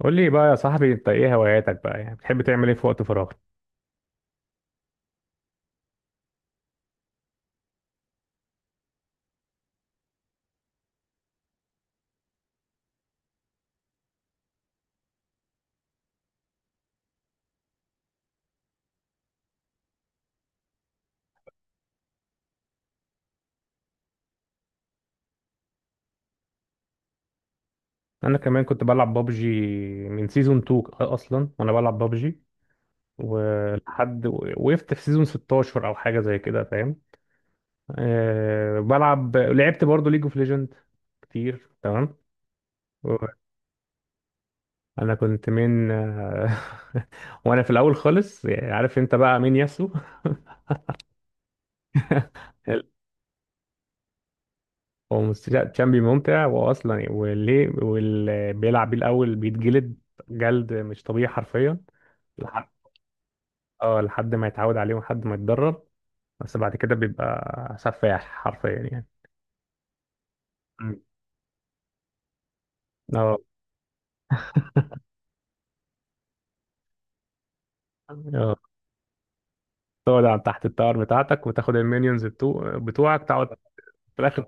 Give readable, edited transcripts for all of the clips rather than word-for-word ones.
قول لي بقى يا صاحبي، انت ايه هواياتك بقى؟ يعني بتحب تعمل ايه في وقت فراغك؟ انا كمان كنت بلعب بابجي، من سيزون 2 اصلا وانا بلعب بابجي، ولحد وقفت في سيزون 16 او حاجه زي كده، فاهم. أه، بلعب، لعبت برضه ليج اوف ليجند كتير، تمام. انا كنت من وانا في الاول خالص، يعني عارف انت بقى مين؟ ياسو. هو لا، تشامبي ممتع واصلا وليه، واللي بيلعب بيه الاول بيتجلد جلد مش طبيعي حرفيا. لحد، اه، لحد ما يتعود عليه ولحد ما يتدرب، بس بعد كده بيبقى سفاح حرفيا يعني. مم. اه. اه، تقعد على تحت التاور بتاعتك وتاخد المينيونز بتوعك، تقعد في الاخر.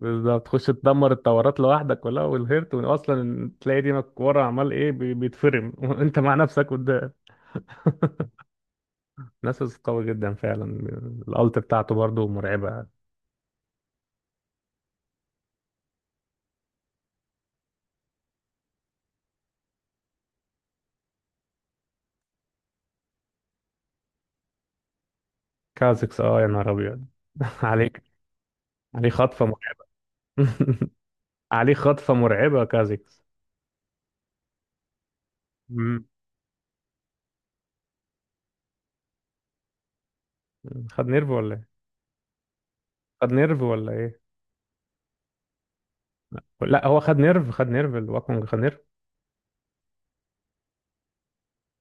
بالظبط، تخش تدمر التورات لوحدك كلها والهيرت، واصلا تلاقي دينك ورا عمال ايه بيتفرم وانت مع نفسك قدام. ناسوس قوي جدا فعلا. الالت بتاعته برضو مرعبة. كازكس، اه يا نهار ابيض عليك. عليه خطفه مرعبه. عليه خطفه مرعبه كازكس. مم. خد نيرف ولا ايه؟ خد نيرف ولا ايه؟ لا هو خد نيرف، خد نيرف، الواكونج خد نيرف.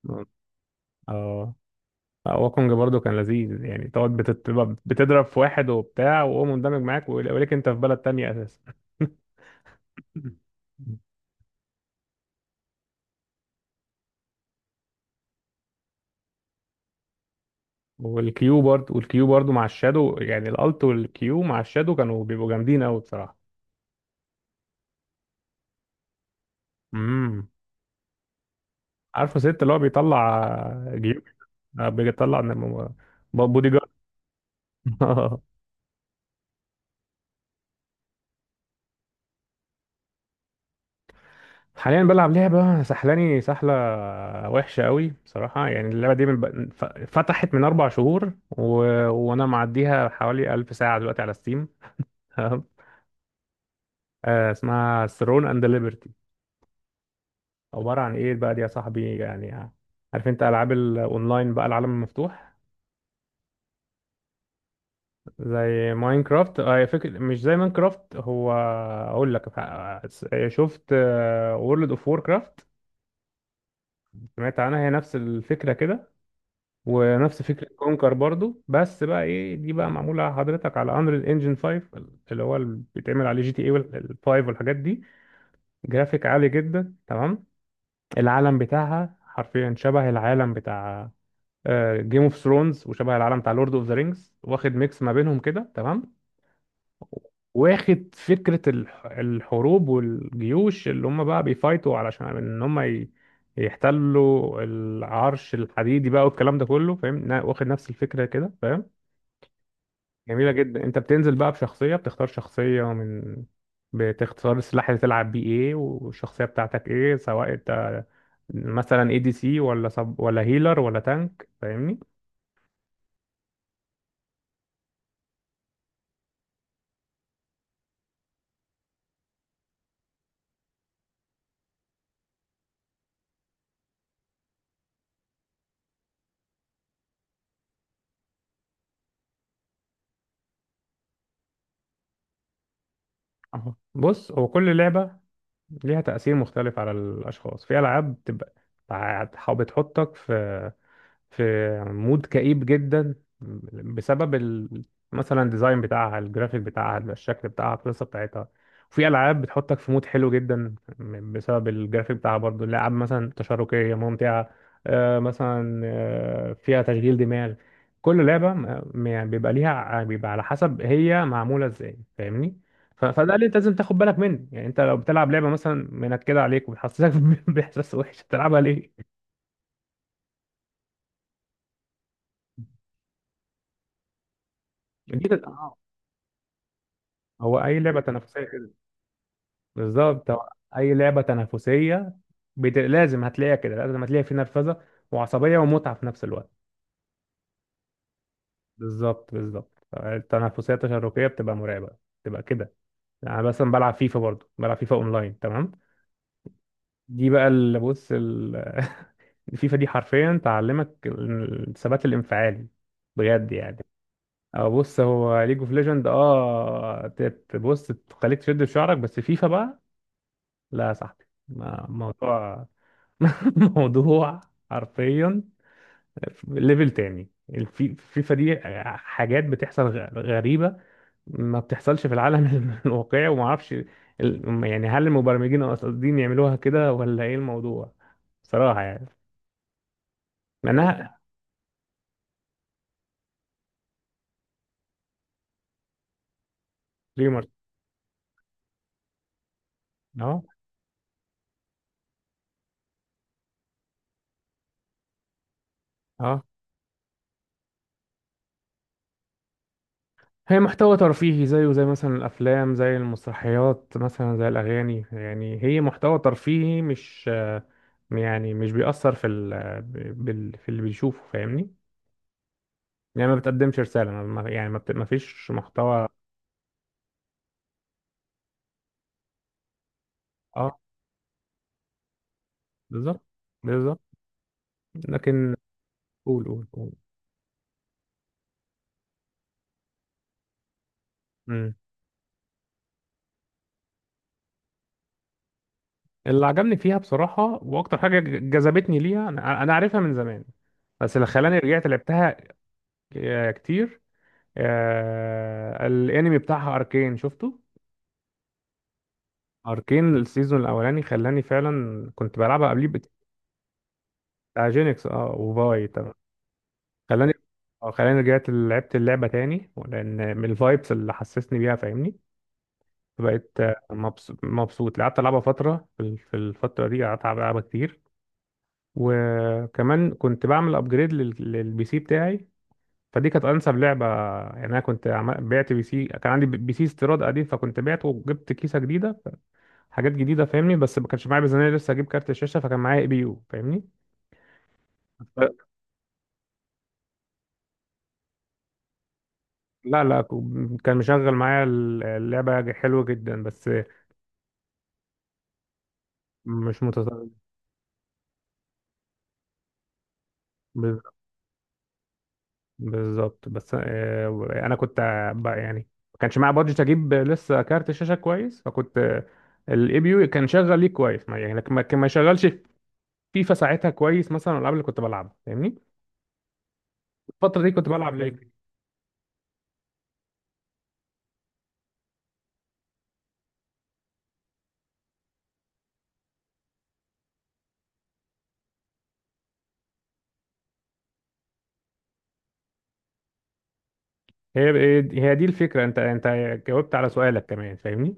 مم. اه. لا، واكونج برضو كان لذيذ، يعني تقعد بتضرب في واحد وبتاع وهو مندمج معاك ولكن انت في بلد تانية اساسا. والكيو برضو، والكيو برضو مع الشادو، يعني الالت والكيو مع الشادو كانوا بيبقوا جامدين قوي بصراحه. امم. عارفه. ست اللي هو بيطلع جيوب. بيطلع بودي جارد. حاليا بلعب لعبة سحلاني سحلة وحشة قوي بصراحة. يعني اللعبة دي من فتحت من 4 شهور و... وأنا معديها حوالي 1000 ساعة دلوقتي على ستيم. تمام؟ اسمها ثرون أند ليبرتي. عبارة عن إيه بقى دي يا صاحبي يعني؟ عارف أنت ألعاب الأونلاين بقى؟ العالم المفتوح، زي ماينكرافت. اه فكرة، مش زي ماينكرافت، هو اقول لك ح- شفت وورلد اوف ووركرافت؟ سمعت عنها، هي نفس الفكرة كده، ونفس فكرة كونكر برضو. بس بقى ايه دي بقى؟ معمولة حضرتك على انريل انجن 5، اللي هو اللي بيتعمل عليه جي تي اي وال5 والحاجات دي. جرافيك عالي جدا، تمام. العالم بتاعها حرفيا شبه العالم بتاع جيم اوف ثرونز، وشبه العالم بتاع لورد اوف ذا رينجز، واخد ميكس ما بينهم كده، تمام. واخد فكرة الحروب والجيوش اللي هم بقى بيفايتوا علشان ان هم يحتلوا العرش الحديدي بقى والكلام ده كله، فاهم؟ واخد نفس الفكرة كده، فاهم. جميلة جدا. انت بتنزل بقى بشخصية، بتختار شخصية من، بتختار السلاح اللي تلعب بيه ايه والشخصية بتاعتك ايه، سواء انت مثلا اي دي سي ولا سب ولا هيلر ولا تانك، فاهمني. أهو. بص، هو كل لعبة ليها تأثير مختلف على الأشخاص. في ألعاب بتبقى بتحطك في مود كئيب جدا بسبب ال... مثلا الديزاين بتاعها، الجرافيك بتاعها، الشكل بتاعها، القصه بتاعتها. وفي العاب بتحطك في مود حلو جدا بسبب الجرافيك بتاعها برضو. الالعاب مثلا تشاركيه ممتعه، مثلا فيها تشغيل دماغ. كل لعبه يعني بيبقى ليها، بيبقى على حسب هي معموله ازاي، فاهمني. فده اللي انت لازم تاخد بالك منه، يعني انت لو بتلعب لعبه مثلا منكده عليك وبتحسسك باحساس وحش، تلعبها ليه؟ دي آه. هو اي لعبه تنافسيه كده. بالظبط، هو اي لعبه تنافسيه لازم هتلاقيها كده، لازم هتلاقي في نرفزه وعصبيه ومتعه في نفس الوقت. بالظبط بالظبط، التنافسيه التشاركيه بتبقى مرعبه، بتبقى كده. انا مثلا بلعب فيفا، برضو بلعب فيفا اونلاين، تمام. دي بقى اللي بص ال... فيفا دي حرفيا تعلمك الثبات الانفعالي، بجد يعني. اه، بص هو ليج اوف ليجند اه تبص تخليك تشد في شعرك، بس فيفا بقى لا يا صاحبي، موضوع موضوع حرفيا ليفل تاني الفيفا دي. حاجات بتحصل غريبة ما بتحصلش في العالم الواقعي، وما اعرفش يعني هل المبرمجين قاصدين يعملوها كده ولا ايه الموضوع، صراحة يعني. مع انها ريمر، اه. اه، هي محتوى ترفيهي زيه زي مثلا الافلام، زي المسرحيات مثلا، زي الاغاني، يعني هي محتوى ترفيهي مش يعني مش بيأثر في ال... بال... في اللي بيشوفه، فاهمني. يعني ما بتقدمش رسالة، يعني ما فيش محتوى. اه بالظبط بالظبط، لكن قول قول قول. مم. اللي عجبني فيها بصراحة واكتر حاجة جذبتني ليها، انا أنا عارفها من زمان، بس اللي خلاني رجعت لعبتها كتير آه... الانمي بتاعها اركين، شفته. اركين السيزون الاولاني خلاني فعلا، كنت بلعبها قبليه بتاع جينكس اه وفاي، تمام. خلاني، اه خلاني رجعت لعبت اللعبة تاني، لان من الفايبس اللي حسسني بيها، فاهمني. فبقيت مبسوط مبسوط، قعدت العبها فتره، في الفتره دي قعدت العبها كتير. وكمان كنت بعمل ابجريد للبي سي بتاعي، فدي كانت انسب لعبه. يعني انا كنت بعت بي سي، كان عندي بي سي استيراد قديم، فكنت بعته وجبت كيسه جديده، حاجات جديده، فاهمني. بس ما كانش معايا ميزانيه لسه اجيب كارت الشاشه، فكان معايا اي بي يو، فاهمني. ف- لا لا، كان مشغل معايا اللعبه حلوه جدا، بس مش متطور. بالظبط، بس انا كنت بقى يعني ما كانش معايا بادجت اجيب لسه كارت شاشه كويس، فكنت الاي بي يو كان شغال ليه كويس ما يعني، لكن ما كان ما يشغلش فيفا ساعتها كويس مثلا الالعاب اللي كنت بلعبها، فاهمني. الفتره دي كنت بلعب ليه. هي هي دي الفكره، انت جاوبت على سؤالك كمان، فاهمني.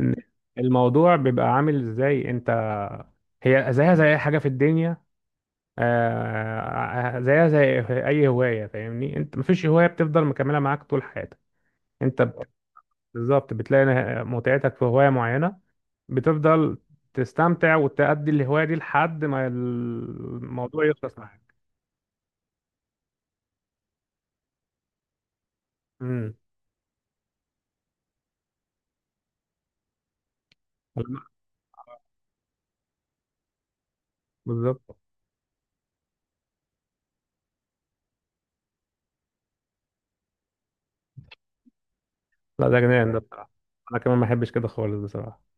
ان الموضوع بيبقى عامل ازاي انت، هي زيها زي اي حاجه في الدنيا. زيها زي اي هوايه، فاهمني. انت مفيش هوايه بتفضل مكمله معاك طول حياتك. انت بالظبط بتلاقي متعتك في هواية معينة، بتفضل تستمتع وتأدي الهواية دي لحد ما الموضوع يخلص معاك. امم. بالظبط. لا ده جنان ده بصراحة. أنا كمان ما بحبش كده خالص بصراحة.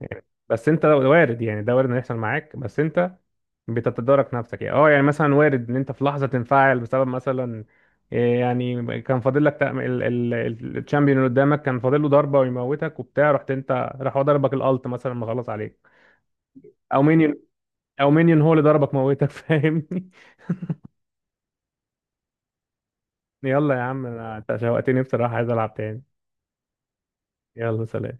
يعني بس وارد، يعني ده وارد إنه يحصل معاك، بس أنت بتتدارك نفسك يعني. أه، يعني مثلا وارد إن أنت في لحظة تنفعل بسبب مثلا إيه، يعني كان فاضل لك الشامبيون اللي قدامك كان فاضل له ضربة ويموتك وبتاع، رحت أنت راح هو ضربك الألت مثلا مخلص عليك، او مينيون. او مينيون هو اللي ضربك موتك، فاهمني. يلا يا عم، انا انت شوقتني بصراحة، عايز العب تاني. يلا سلام.